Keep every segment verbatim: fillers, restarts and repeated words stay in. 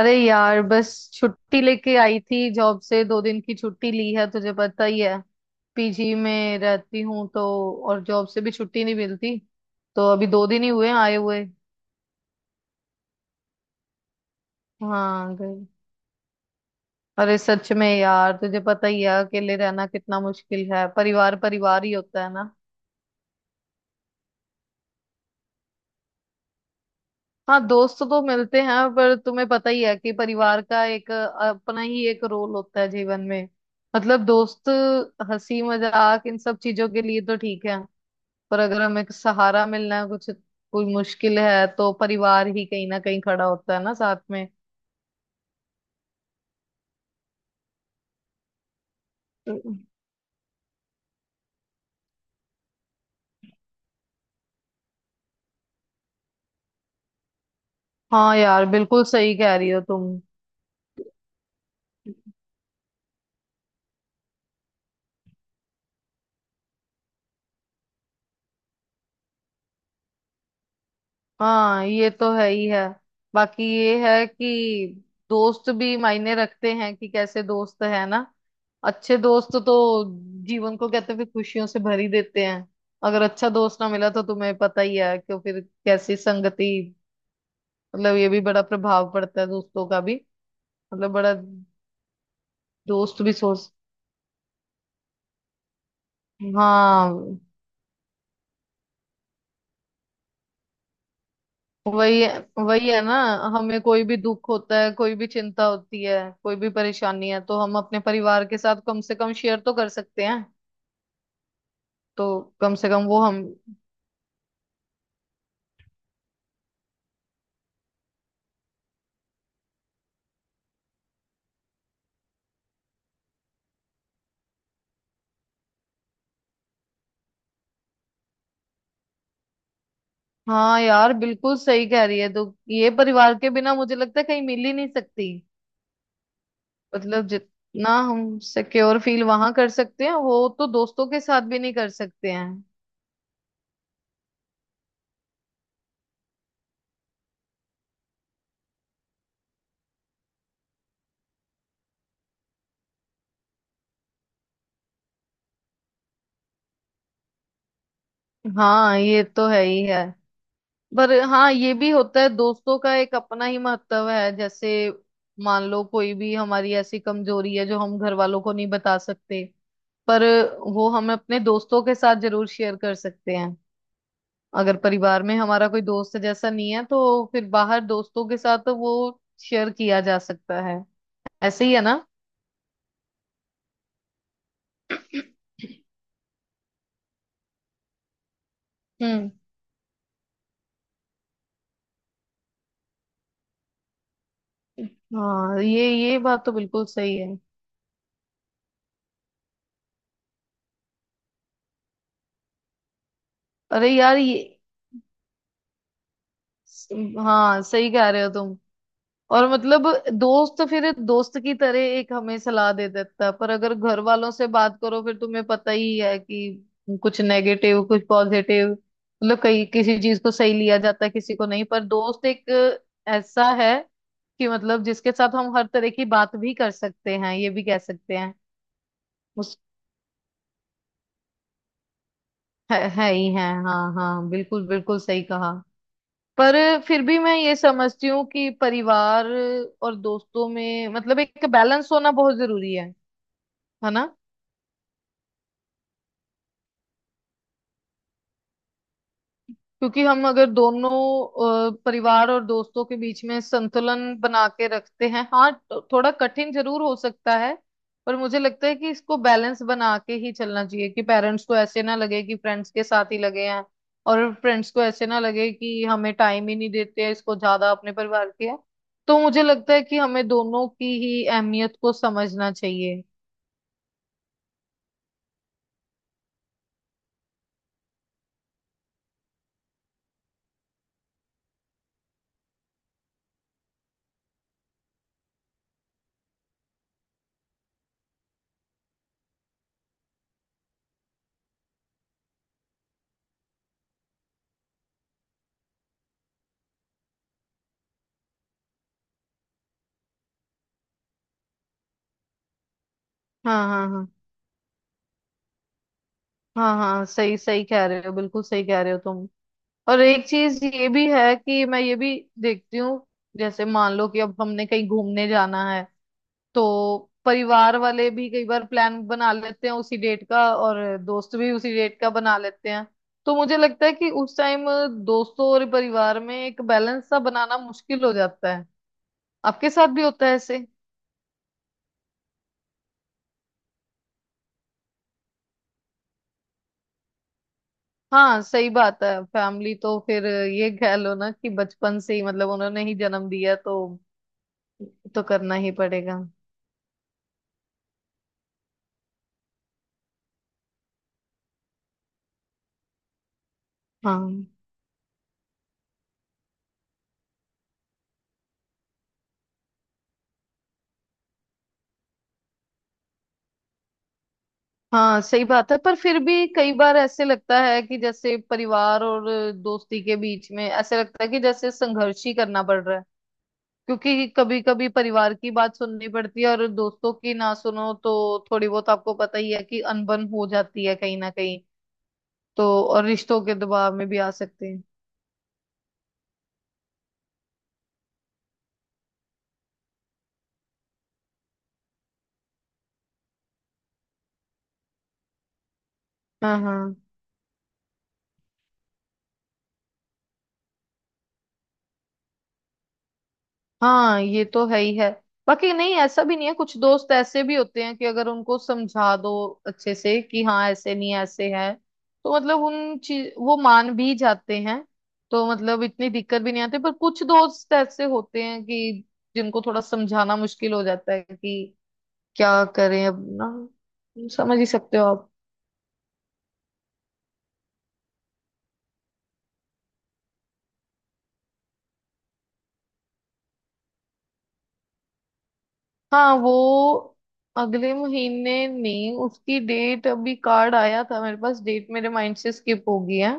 अरे यार बस छुट्टी लेके आई थी जॉब से दो दिन की छुट्टी ली है तुझे पता ही है। पीजी में रहती हूँ तो और जॉब से भी छुट्टी नहीं मिलती। तो अभी दो दिन ही हुए हैं आए हुए। हाँ, गई। अरे सच में यार तुझे पता ही है अकेले रहना कितना मुश्किल है। परिवार परिवार ही होता है ना। हाँ, दोस्त तो मिलते हैं पर तुम्हें पता ही है कि परिवार का एक अपना ही एक रोल होता है जीवन में। मतलब दोस्त हंसी मजाक इन सब चीजों के लिए तो ठीक है। पर अगर हमें एक सहारा मिलना है, कुछ कोई मुश्किल है तो परिवार ही कहीं ना कहीं खड़ा होता है ना साथ में। हाँ यार, बिल्कुल सही कह रही हो तुम। हाँ, ये तो है ही है। बाकी ये है कि दोस्त भी मायने रखते हैं कि कैसे दोस्त है ना। अच्छे दोस्त तो जीवन को कहते हैं कि खुशियों से भर ही देते हैं। अगर अच्छा दोस्त ना मिला तो तुम्हें पता ही है कि फिर कैसी संगति। मतलब ये भी बड़ा प्रभाव पड़ता है दोस्तों का भी। मतलब बड़ा दोस्त भी सोच। हाँ, वही है, वही है ना। हमें कोई भी दुख होता है, कोई भी चिंता होती है, कोई भी परेशानी है तो हम अपने परिवार के साथ कम से कम शेयर तो कर सकते हैं। तो कम से कम वो हम। हाँ यार, बिल्कुल सही कह रही है तो ये परिवार के बिना मुझे लगता है कहीं मिल ही नहीं सकती। मतलब जितना हम सिक्योर फील वहां कर सकते हैं वो तो दोस्तों के साथ भी नहीं कर सकते हैं। हाँ, ये तो है ही है। पर हाँ, ये भी होता है दोस्तों का एक अपना ही महत्व है। जैसे मान लो कोई भी हमारी ऐसी कमजोरी है जो हम घर वालों को नहीं बता सकते, पर वो हम अपने दोस्तों के साथ जरूर शेयर कर सकते हैं। अगर परिवार में हमारा कोई दोस्त जैसा नहीं है तो फिर बाहर दोस्तों के साथ वो शेयर किया जा सकता है। ऐसे ही है ना। हम्म। हाँ, ये ये बात तो बिल्कुल सही है। अरे यार ये, हाँ, सही कह रहे हो तुम। और मतलब दोस्त फिर दोस्त की तरह एक हमें सलाह दे देता है, पर अगर घर वालों से बात करो फिर तुम्हें पता ही है कि कुछ नेगेटिव कुछ पॉजिटिव, मतलब कई किसी चीज को सही लिया जाता है किसी को नहीं, पर दोस्त एक ऐसा है कि मतलब जिसके साथ हम हर तरह की बात भी कर सकते हैं, ये भी कह सकते हैं। उस है, है ही है। हाँ हाँ, बिल्कुल बिल्कुल सही कहा। पर फिर भी मैं ये समझती हूँ कि परिवार और दोस्तों में मतलब एक बैलेंस होना बहुत जरूरी है है ना। क्योंकि हम अगर दोनों अ, परिवार और दोस्तों के बीच में संतुलन बना के रखते हैं हाँ तो थोड़ा कठिन जरूर हो सकता है। पर मुझे लगता है कि इसको बैलेंस बना के ही चलना चाहिए कि पेरेंट्स को ऐसे ना लगे कि फ्रेंड्स के साथ ही लगे हैं, और फ्रेंड्स को ऐसे ना लगे कि हमें टाइम ही नहीं देते हैं, इसको ज्यादा अपने परिवार के है। तो मुझे लगता है कि हमें दोनों की ही अहमियत को समझना चाहिए। हाँ हाँ हाँ। हाँ हाँ, सही सही कह रहे हो, बिल्कुल सही कह रहे हो तुम। और एक चीज ये भी है कि मैं ये भी देखती हूँ। जैसे मान लो कि अब हमने कहीं घूमने जाना है, तो परिवार वाले भी कई बार प्लान बना लेते हैं उसी डेट का और दोस्त भी उसी डेट का बना लेते हैं। तो मुझे लगता है कि उस टाइम दोस्तों और परिवार में एक बैलेंस सा बनाना मुश्किल हो जाता है। आपके साथ भी होता है ऐसे? हाँ, सही बात है, फैमिली तो फिर ये कह लो ना कि बचपन से ही मतलब उन्होंने ही जन्म दिया तो तो करना ही पड़ेगा। हाँ हाँ, सही बात है, पर फिर भी कई बार ऐसे लगता है कि जैसे परिवार और दोस्ती के बीच में ऐसे लगता है कि जैसे संघर्ष ही करना पड़ रहा है। क्योंकि कभी कभी परिवार की बात सुननी पड़ती है और दोस्तों की ना सुनो तो थोड़ी बहुत आपको पता ही है कि अनबन हो जाती है कहीं ना कहीं। तो और रिश्तों के दबाव में भी आ सकते हैं। हाँ हाँ हाँ, ये तो है ही है। बाकी नहीं, ऐसा भी नहीं है, कुछ दोस्त ऐसे भी होते हैं कि अगर उनको समझा दो अच्छे से कि हाँ ऐसे नहीं ऐसे है, तो मतलब उन चीज वो मान भी जाते हैं। तो मतलब इतनी दिक्कत भी नहीं आती, पर कुछ दोस्त ऐसे होते हैं कि जिनको थोड़ा समझाना मुश्किल हो जाता है कि क्या करें, अब ना समझ ही सकते हो आप। हाँ, वो अगले महीने नहीं, उसकी डेट अभी कार्ड आया था मेरे पास, डेट मेरे माइंड से स्किप हो गई है।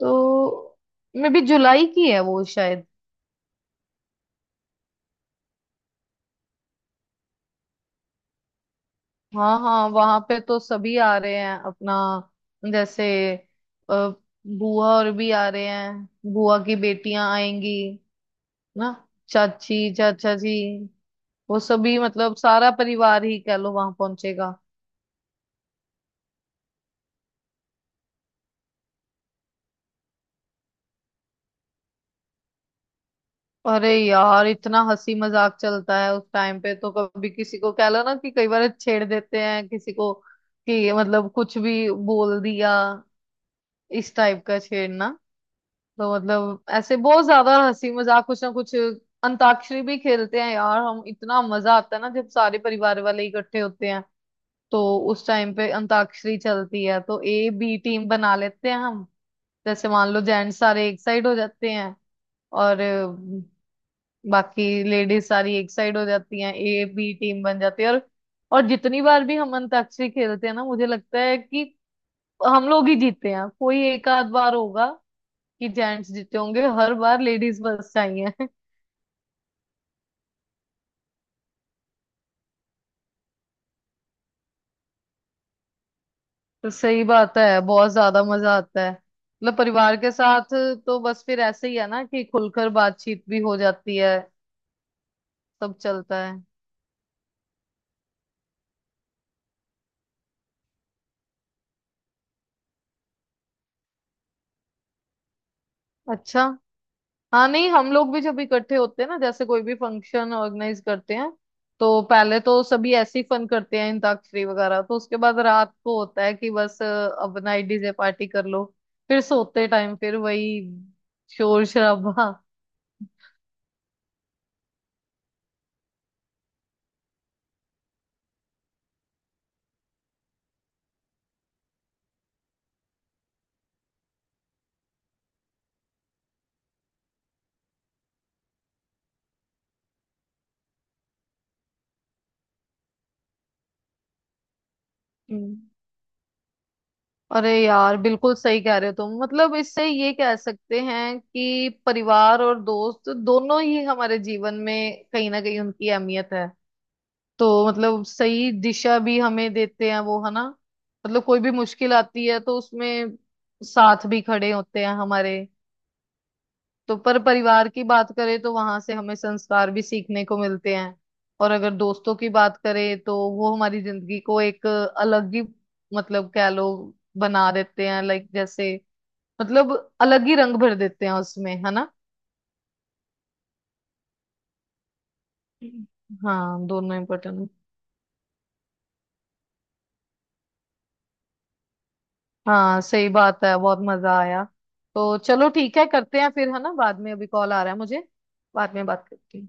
तो मे भी जुलाई की है वो शायद। हाँ हाँ, वहां पे तो सभी आ रहे हैं अपना। जैसे अ, बुआ और भी आ रहे हैं। बुआ की बेटियां आएंगी ना। चाची चाचा जी, वो सभी, मतलब सारा परिवार ही कह लो वहां पहुंचेगा। अरे यार, इतना हंसी मजाक चलता है उस टाइम पे, तो कभी किसी को कह लो ना कि कई बार छेड़ देते हैं किसी को कि मतलब कुछ भी बोल दिया, इस टाइप का छेड़ना। तो मतलब ऐसे बहुत ज्यादा हंसी मजाक कुछ ना कुछ, अंताक्षरी भी खेलते हैं यार, हम इतना मजा आता है ना जब सारे परिवार वाले इकट्ठे होते हैं। तो उस टाइम पे अंताक्षरी चलती है तो ए बी टीम बना लेते हैं हम। जैसे मान लो जेंट्स सारे एक साइड हो जाते हैं और अ, बाकी लेडीज सारी एक साइड हो जाती हैं, ए बी टीम बन जाती है। और और जितनी बार भी हम अंताक्षरी खेलते हैं ना, मुझे लगता है कि हम लोग ही जीते हैं, कोई एक आध बार होगा कि जेंट्स जीते होंगे, हर बार लेडीज फर्स्ट आई हैं। तो सही बात है, बहुत ज्यादा मजा आता है मतलब परिवार के साथ। तो बस फिर ऐसे ही है ना कि खुलकर बातचीत भी हो जाती है, सब चलता है। अच्छा हाँ, नहीं, हम लोग भी जब इकट्ठे होते हैं ना जैसे कोई भी फंक्शन ऑर्गेनाइज करते हैं, तो पहले तो सभी ऐसे ही फन करते हैं अंताक्षरी वगैरह, तो उसके बाद रात को होता है कि बस अ, अब नाइट डीजे पार्टी कर लो। फिर सोते टाइम फिर वही शोर शराबा। हम्म। अरे यार, बिल्कुल सही कह रहे हो तुम, मतलब इससे ये कह सकते हैं कि परिवार और दोस्त दोनों ही हमारे जीवन में कहीं ना कहीं उनकी अहमियत है। तो मतलब सही दिशा भी हमें देते हैं वो, है ना। मतलब कोई भी मुश्किल आती है तो उसमें साथ भी खड़े होते हैं हमारे। तो पर परिवार की बात करें तो वहां से हमें संस्कार भी सीखने को मिलते हैं। और अगर दोस्तों की बात करें तो वो हमारी जिंदगी को एक अलग ही मतलब कह लो बना देते हैं, लाइक जैसे, मतलब अलग ही रंग भर देते हैं उसमें, है ना। हम्म। हाँ, दोनों इम्पोर्टेंट है। हाँ सही बात है, बहुत मजा आया। तो चलो ठीक है, करते हैं फिर है ना बाद में, अभी कॉल आ रहा है मुझे, बाद में बात करते हैं।